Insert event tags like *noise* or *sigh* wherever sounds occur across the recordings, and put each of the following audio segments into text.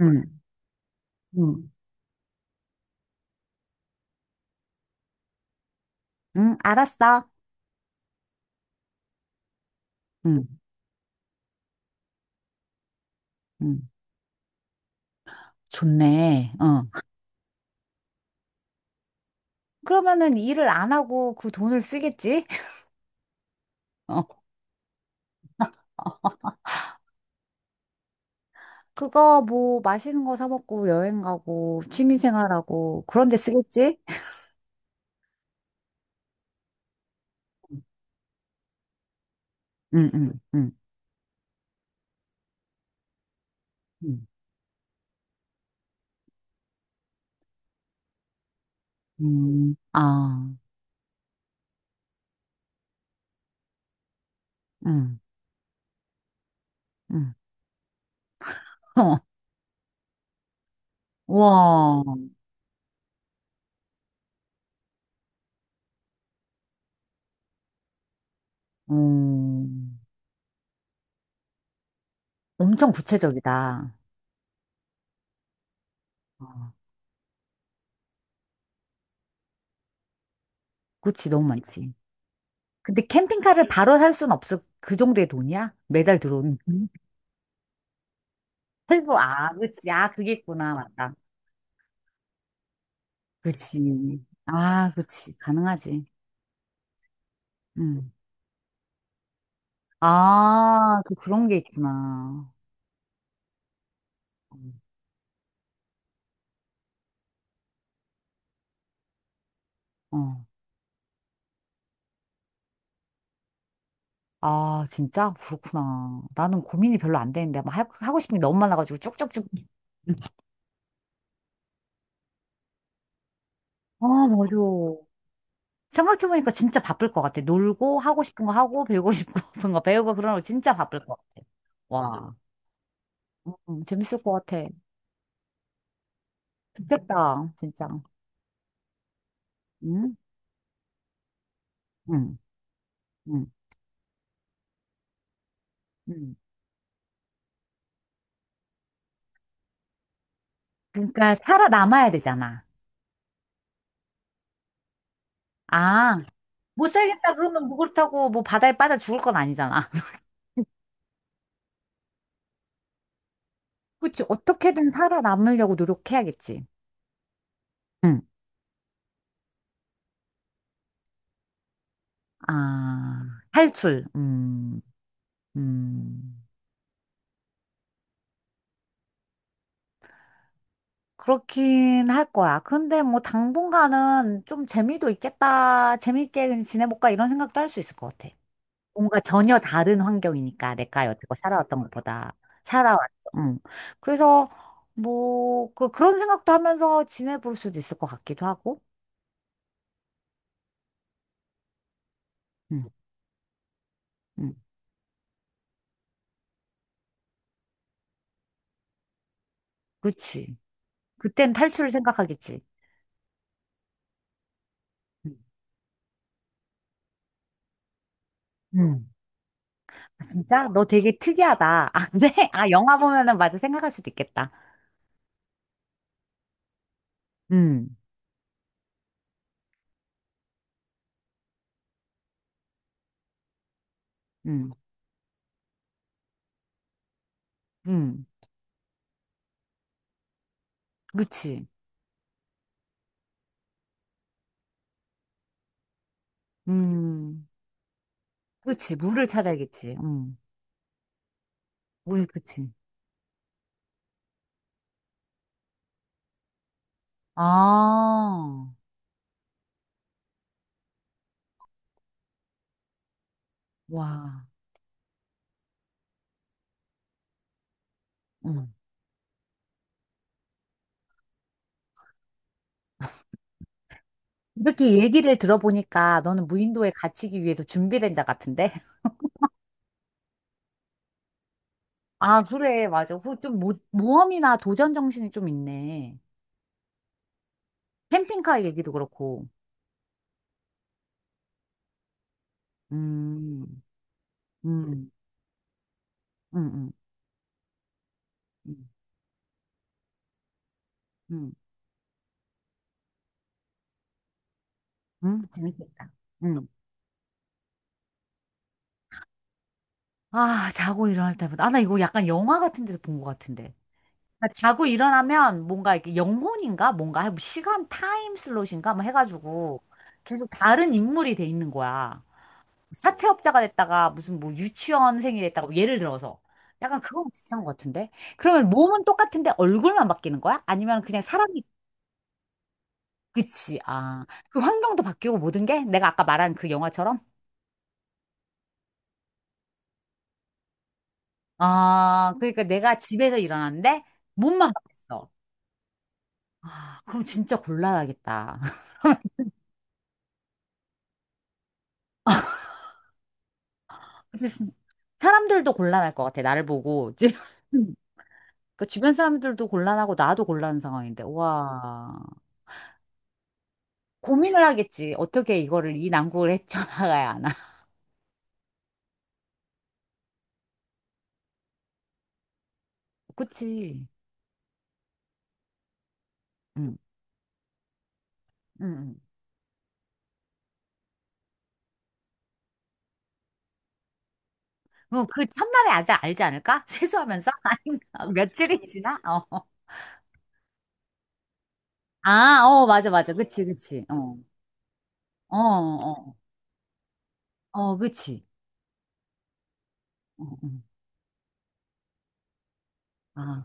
응, 응, 응, 알았어. 응, 응. 좋네. 어. 그러면은 일을 안 하고 그 돈을 쓰겠지? *laughs* 어. 그거 뭐 맛있는 거 사 먹고 여행 가고 취미 생활하고 그런 데 쓰겠지? 응, 응, 응, 응. 아, 응, 응. *laughs* 와, 음, 엄청 구체적이다. 어, 그치, 너무 많지. 근데 캠핑카를 바로 살 순 없어. 그 정도의 돈이야? 매달 들어오는. 헬보, 아, 그치. 아, 그게 있구나. 맞다. 그치. 아, 그치. 가능하지. 응. 아, 또 그런 게 있구나. 어. 아, 진짜? 그렇구나. 나는 고민이 별로 안 되는데. 막 하고 싶은 게 너무 많아가지고 쭉쭉쭉. 아, 맞아. 생각해보니까 진짜 바쁠 것 같아. 놀고, 하고 싶은 거 하고, 배우고 *laughs* 싶은 거 배우고, 그런 거 진짜 바쁠 것 같아. 와. 재밌을 것 같아. 좋겠다. 진짜. 응? 응, 응, 응. 그러니까 살아남아야 되잖아. 아, 못 살겠다 그러면 뭐 그렇다고 뭐 바다에 빠져 죽을 건 아니잖아. *laughs* 그치, 어떻게든 살아남으려고 노력해야겠지. 응. 아, 탈출. 음. 그렇긴 할 거야. 근데 뭐 당분간은 좀 재미도 있겠다. 재밌게 그냥 지내볼까 이런 생각도 할 수 있을 것 같아. 뭔가 전혀 다른 환경이니까 내가 여태껏 살아왔던 것보다 살아왔죠. 응. 그래서 뭐 그런 생각도 하면서 지내볼 수도 있을 것 같기도 하고. 응. 응. 그치. 그땐 탈출을 생각하겠지. 음. 음. 아, 진짜? 너 되게 특이하다. *laughs* 아, 네? 아, 영화 보면은 맞아. 생각할 수도 있겠다. 음, 음, 음. 그치. 음. 그치. 물을 찾아야겠지. 음. 물, 그치. 아, 와. 음. 이렇게 얘기를 들어보니까 너는 무인도에 갇히기 위해서 준비된 자 같은데? *laughs* 아, 그래. 맞아. 그 좀 모험이나 도전 정신이 좀 있네. 캠핑카 얘기도 그렇고. 음, 음. 응, 응, 응, 응, 재밌겠다. 응. 아, 자고 일어날 때보다. 아, 나 이거 약간 영화 같은 데서 본 것 같은데. 나 자고 일어나면 뭔가 이렇게 영혼인가? 뭔가 뭐 시간 타임 슬롯인가? 뭐 해가지고 계속 다른 인물이 돼 있는 거야. 뭐 사채업자가 됐다가 무슨 뭐 유치원생이 됐다가 뭐 예를 들어서. 약간 그거랑 비슷한 것 같은데? 그러면 몸은 똑같은데 얼굴만 바뀌는 거야? 아니면 그냥 사람이, 그치. 아, 그 환경도 바뀌고 모든 게? 내가 아까 말한 그 영화처럼? 아, 그러니까 내가 집에서 일어났는데 몸만 바뀌었어. 아, 그럼 진짜 곤란하겠다. *laughs* 진짜 사람들도 곤란할 것 같아, 나를 보고. 지금 *laughs* 그 주변 사람들도 곤란하고 나도 곤란한 상황인데, 와. 고민을 하겠지. 어떻게 이거를, 이 난국을 헤쳐나가야 하나. *laughs* 그치. 응, 응, 응. 뭐, 그 첫날에 아직 알지 않을까? *laughs* 세수하면서? *laughs* 아니, 며칠이 지나? 어. 아, 어, 맞아, 맞아. 그치, 그치. 어, 어, 어, 어, 그치. 어, 어. 아.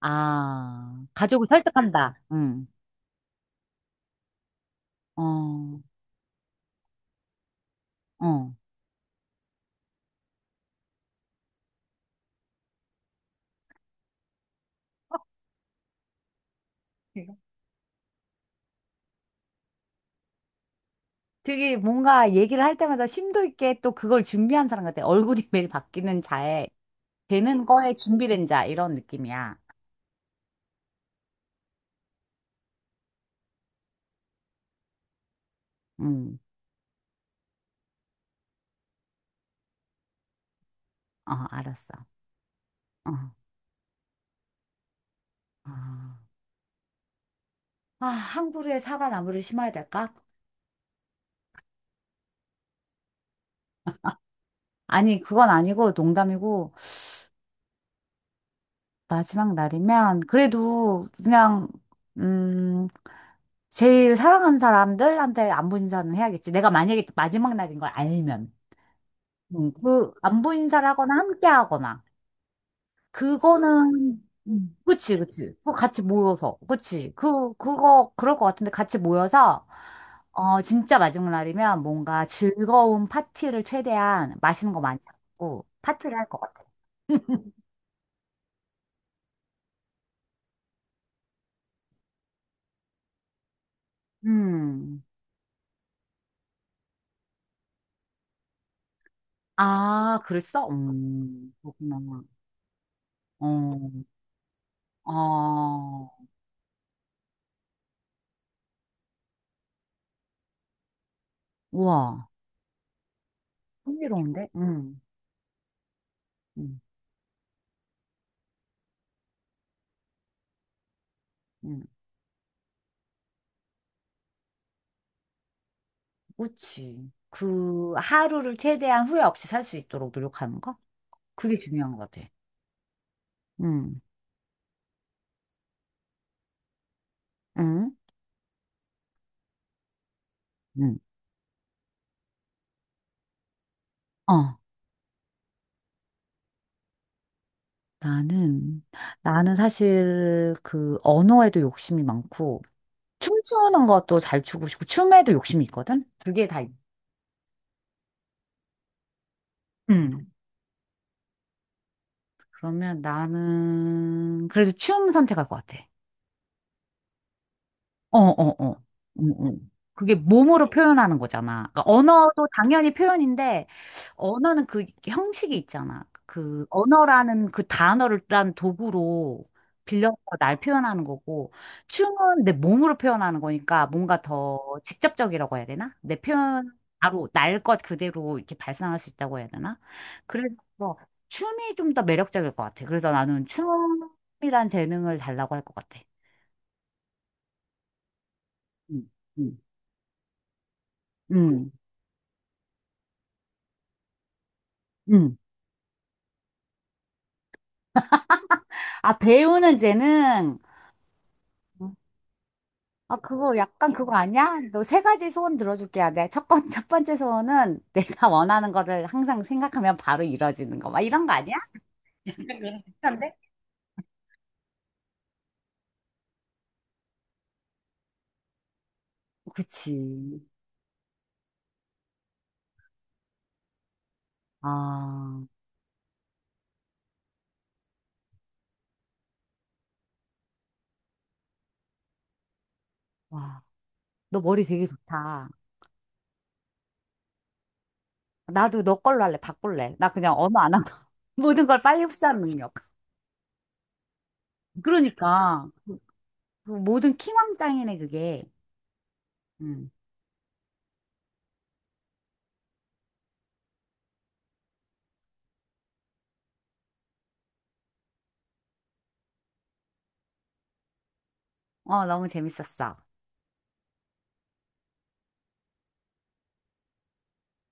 아, 가족을 설득한다. 응. 어, 어. 되게 뭔가 얘기를 할 때마다 심도 있게 또 그걸 준비한 사람 같아. 얼굴이 매일 바뀌는 자에, 되는 거에 준비된 자, 이런 느낌이야. 응. 어, 알았어. 어. 아, 아, 항구루에 사과나무를 심어야 될까? 아니, 그건 아니고 농담이고, 마지막 날이면, 그래도 그냥, 음, 제일 사랑하는 사람들한테 안부 인사는 해야겠지. 내가 만약에 마지막 날인 걸 알면. 그, 안부 인사를 하거나 함께 하거나. 그거는, 그치, 그치. 그거 같이 모여서. 그치. 그럴 것 같은데 같이 모여서, 어, 진짜 마지막 날이면 뭔가 즐거운 파티를 최대한 맛있는 거 많이 잡고 파티를 할 것 같아. 음. 아, 그랬어? 그렇구나. 어, 어, 우와. 흥미로운데? 음, 음. 그치. 그 하루를 최대한 후회 없이 살 수 있도록 노력하는 거? 그게 중요한 것 같아. 응, 응, 응. 어, 나는, 나는 사실 그 언어에도 욕심이 많고, 춤추는 것도 잘 추고 싶고, 춤에도 욕심이 있거든? 두 개 다. 있- 응. 그러면 나는, 그래서 춤 선택할 것 같아. 어, 어, 어. 응, 응. 그게 몸으로 표현하는 거잖아. 그러니까 언어도 당연히 표현인데, 언어는 그 형식이 있잖아. 그 언어라는 그 단어를 란 도구로 빌려서 날 표현하는 거고, 춤은 내 몸으로 표현하는 거니까 뭔가 더 직접적이라고 해야 되나? 내 표현, 바로 날 것 그대로 이렇게 발산할 수 있다고 해야 되나? 그래서 춤이 좀 더 매력적일 것 같아. 그래서 나는 춤이란 재능을 달라고 할 것 같아. 음, 음, 음. 음. 아, 배우는 재능. 아, 그거 약간 그거 아니야? 너 세 가지 소원 들어줄게. 야, 첫 번째 소원은 *laughs* 내가 원하는 거를 항상 생각하면 바로 이루어지는 거. 막 이런 거 아니야? 그런데? 그치. 아, 와. 너 머리 되게 좋다. 나도 너 걸로 할래. 바꿀래. 나 그냥 언어 안 하고 *laughs* 모든 걸 빨리 흡수하는 능력. 그러니까. 그 모든 킹왕짱이네, 그게. 음. 어, 너무 재밌었어.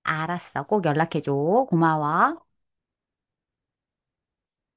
알았어. 꼭 연락해줘. 고마워.